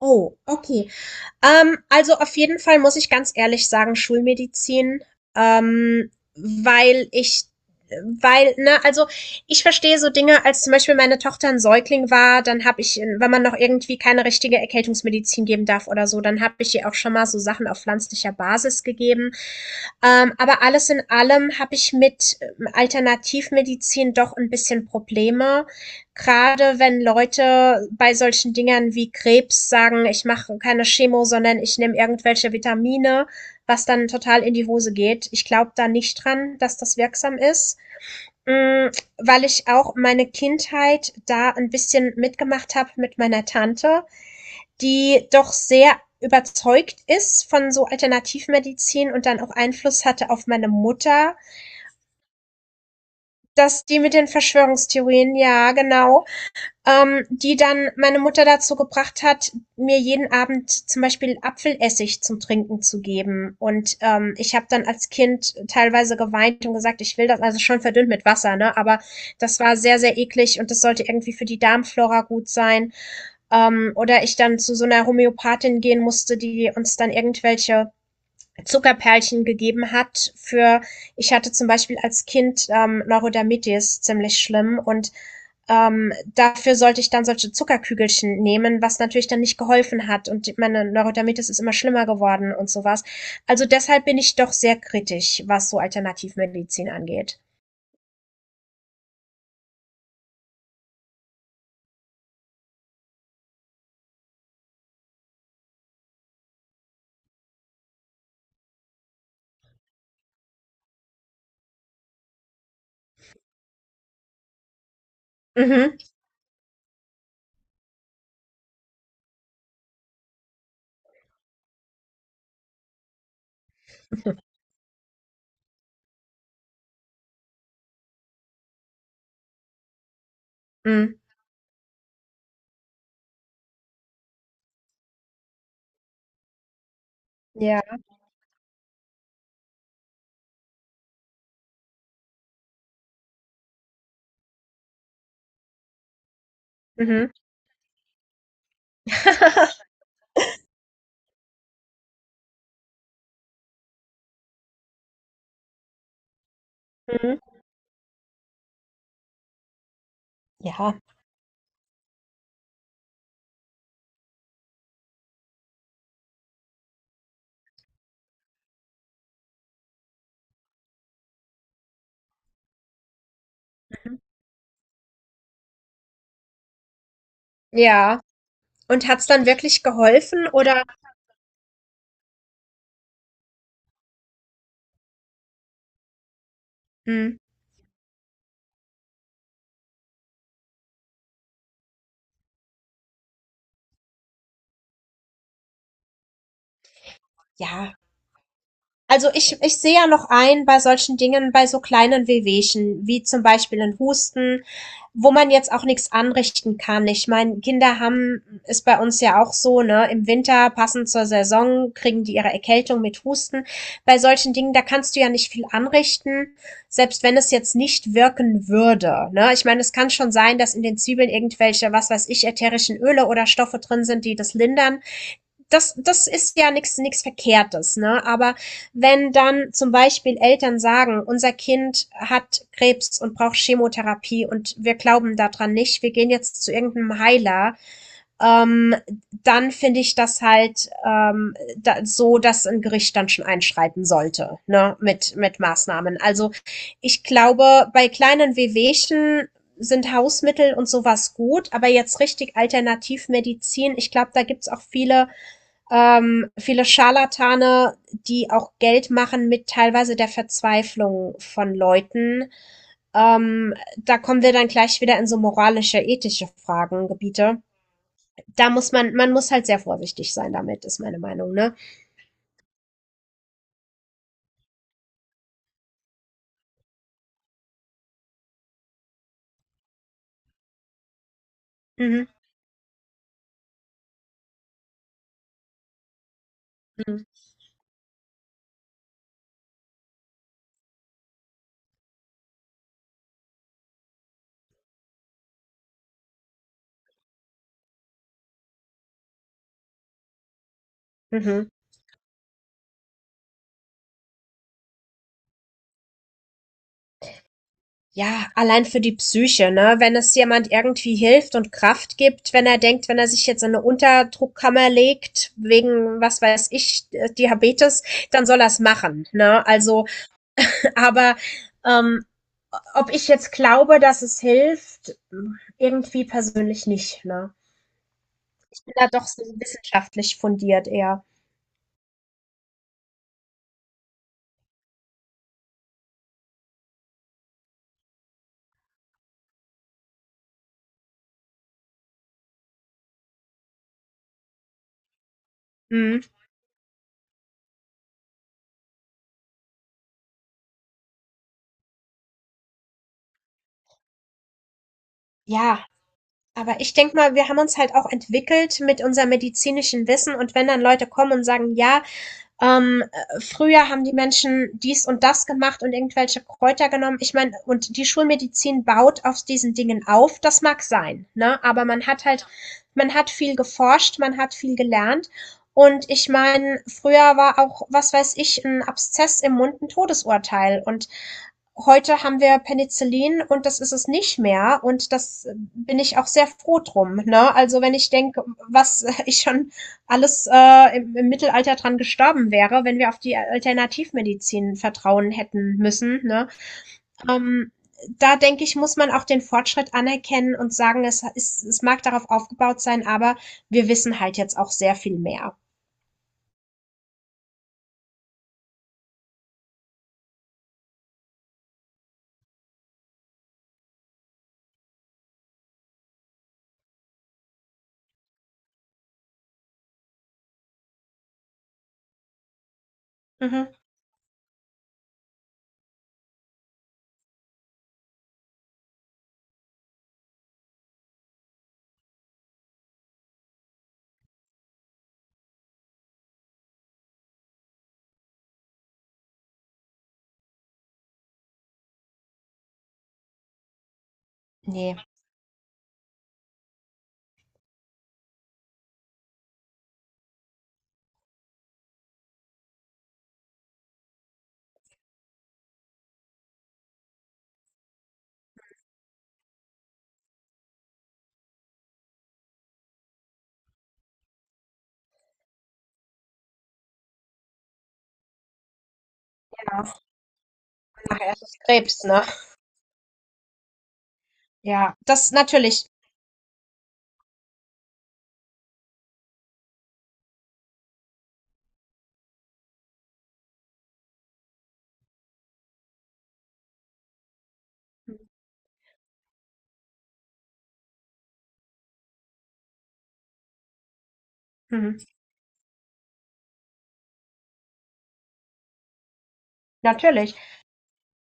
Oh, okay. Also auf jeden Fall muss ich ganz ehrlich sagen, Schulmedizin. ähm, weil ich, Weil, ne, also ich verstehe so Dinge, als zum Beispiel meine Tochter ein Säugling war, dann habe ich, wenn man noch irgendwie keine richtige Erkältungsmedizin geben darf oder so, dann habe ich ihr auch schon mal so Sachen auf pflanzlicher Basis gegeben. Aber alles in allem habe ich mit Alternativmedizin doch ein bisschen Probleme, gerade wenn Leute bei solchen Dingern wie Krebs sagen, ich mache keine Chemo, sondern ich nehme irgendwelche Vitamine, was dann total in die Hose geht. Ich glaube da nicht dran, dass das wirksam ist, Mm, weil ich auch meine Kindheit da ein bisschen mitgemacht habe mit meiner Tante, die doch sehr überzeugt ist von so Alternativmedizin und dann auch Einfluss hatte auf meine Mutter, dass die mit den Verschwörungstheorien, ja, genau, die dann meine Mutter dazu gebracht hat, mir jeden Abend zum Beispiel Apfelessig zum Trinken zu geben. Und ich habe dann als Kind teilweise geweint und gesagt, ich will das, also schon verdünnt mit Wasser, ne? Aber das war sehr, sehr eklig und das sollte irgendwie für die Darmflora gut sein. Oder ich dann zu so einer Homöopathin gehen musste, die uns dann irgendwelche Zuckerperlchen gegeben hat für, ich hatte zum Beispiel als Kind Neurodermitis ziemlich schlimm, und dafür sollte ich dann solche Zuckerkügelchen nehmen, was natürlich dann nicht geholfen hat, und meine Neurodermitis ist immer schlimmer geworden und sowas. Also deshalb bin ich doch sehr kritisch, was so Alternativmedizin angeht. Mhm. Mhm. Ja. Mhm. Mhm. Ja. Mhm. Ja. Und hat's dann wirklich geholfen oder? Mhm. Ja. Ich sehe ja noch ein bei solchen Dingen, bei so kleinen Wehwehchen, wie zum Beispiel ein Husten, wo man jetzt auch nichts anrichten kann. Ich meine, Kinder haben ist bei uns ja auch so, ne, im Winter passend zur Saison kriegen die ihre Erkältung mit Husten. Bei solchen Dingen, da kannst du ja nicht viel anrichten, selbst wenn es jetzt nicht wirken würde, ne? Ich meine, es kann schon sein, dass in den Zwiebeln irgendwelche, was weiß ich, ätherischen Öle oder Stoffe drin sind, die das lindern. Das ist ja nichts nix Verkehrtes, ne? Aber wenn dann zum Beispiel Eltern sagen, unser Kind hat Krebs und braucht Chemotherapie und wir glauben daran nicht, wir gehen jetzt zu irgendeinem Heiler, ähm, dann finde ich das halt, dass ein Gericht dann schon einschreiten sollte, ne? Mit Maßnahmen. Also ich glaube, bei kleinen Wehwehchen sind Hausmittel und sowas gut, aber jetzt richtig Alternativmedizin, ich glaube, da gibt's auch viele Scharlatane, die auch Geld machen mit teilweise der Verzweiflung von Leuten. Da kommen wir dann gleich wieder in so moralische, ethische Fragen, Gebiete. Man muss halt sehr vorsichtig sein damit, ist meine Meinung, ne? Mhm. Mhm. Mhm. Ja, allein für die Psyche, ne? Wenn es jemand irgendwie hilft und Kraft gibt, wenn er denkt, wenn er sich jetzt in eine Unterdruckkammer legt, wegen, was weiß ich, Diabetes, dann soll er es machen, ne? Also, aber ähm, ob ich jetzt glaube, dass es hilft, irgendwie persönlich nicht. Ne? Da doch so wissenschaftlich fundiert eher. Mhm. Ja, aber ich denke mal, wir haben uns halt auch entwickelt mit unserem medizinischen Wissen, und wenn dann Leute kommen und sagen, ja, früher haben die Menschen dies und das gemacht und irgendwelche Kräuter genommen. Ich meine, und die Schulmedizin baut auf diesen Dingen auf, das mag sein, ne? Aber man hat halt, man hat viel geforscht, man hat viel gelernt. Und ich meine, früher war auch, was weiß ich, ein Abszess im Mund ein Todesurteil. Und heute haben wir Penicillin und das ist es nicht mehr, und das bin ich auch sehr froh drum. Ne? Also wenn ich denke, was ich schon alles im Mittelalter dran gestorben wäre, wenn wir auf die Alternativmedizin vertrauen hätten müssen. Ne? Ähm, Da denke ich, muss man auch den Fortschritt anerkennen und sagen, es ist, es mag darauf aufgebaut sein, aber wir wissen halt jetzt auch sehr viel mehr. Mhm. Ne, genau, nachher ist es Krebs, ne? Ja, das natürlich. Mhm. Natürlich.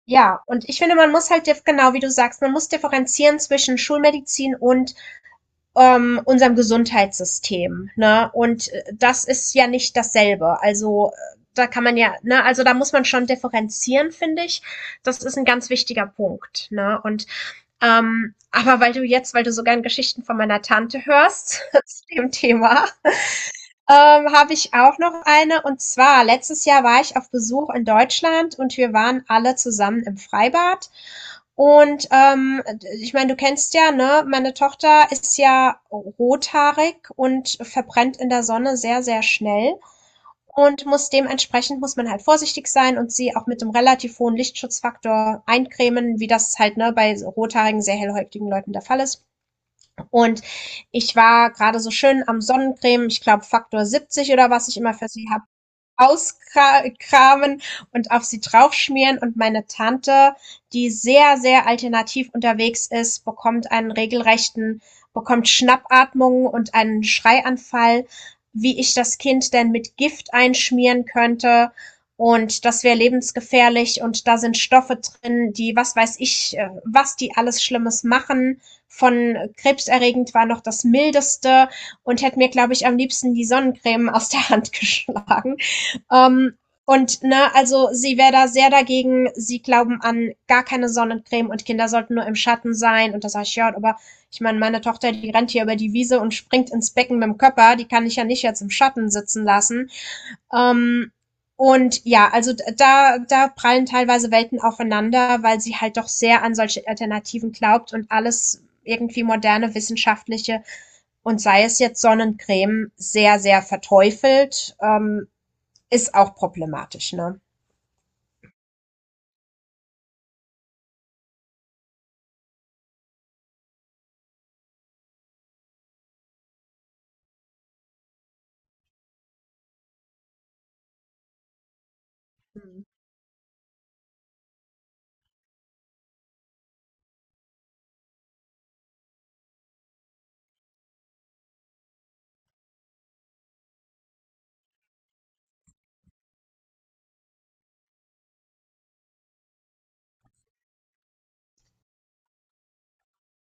Ja, und ich finde, man muss halt dif genau wie du sagst, man muss differenzieren zwischen Schulmedizin und unserem Gesundheitssystem, ne? Und das ist ja nicht dasselbe. Also, da kann man ja, ne, also da muss man schon differenzieren, finde ich. Das ist ein ganz wichtiger Punkt, ne? Und aber weil du so gern Geschichten von meiner Tante hörst zu dem Thema. Habe ich auch noch eine. Und zwar, letztes Jahr war ich auf Besuch in Deutschland, und wir waren alle zusammen im Freibad. Und ich meine, du kennst ja, ne, meine Tochter ist ja rothaarig und verbrennt in der Sonne sehr, sehr schnell. Und muss man halt vorsichtig sein und sie auch mit einem relativ hohen Lichtschutzfaktor eincremen, wie das halt ne, bei rothaarigen, sehr hellhäutigen Leuten der Fall ist. Und ich war gerade so schön am Sonnencreme, ich glaube Faktor 70 oder was ich immer für sie habe auskramen und auf sie draufschmieren. Und meine Tante, die sehr, sehr alternativ unterwegs ist, bekommt Schnappatmungen und einen Schreianfall, wie ich das Kind denn mit Gift einschmieren könnte. Und das wäre lebensgefährlich und da sind Stoffe drin, die, was weiß ich, was die alles Schlimmes machen. Von krebserregend war noch das mildeste, und hätte mir, glaube ich, am liebsten die Sonnencreme aus der Hand geschlagen. Ähm, ne, also sie wäre da sehr dagegen. Sie glauben an gar keine Sonnencreme und Kinder sollten nur im Schatten sein. Und da sage ich, ja, aber ich meine, meine Tochter, die rennt hier über die Wiese und springt ins Becken mit dem Körper. Die kann ich ja nicht jetzt im Schatten sitzen lassen. Ähm, und ja, also da, da prallen teilweise Welten aufeinander, weil sie halt doch sehr an solche Alternativen glaubt und alles irgendwie moderne wissenschaftliche, und sei es jetzt Sonnencreme, sehr, sehr verteufelt. Ist auch problematisch, ne?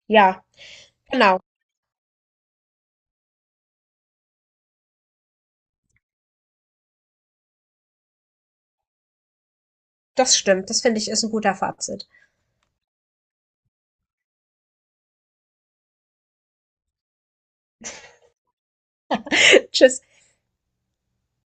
Ja, genau. Das stimmt. Das finde ich, ist ein guter Fazit. Tschüss.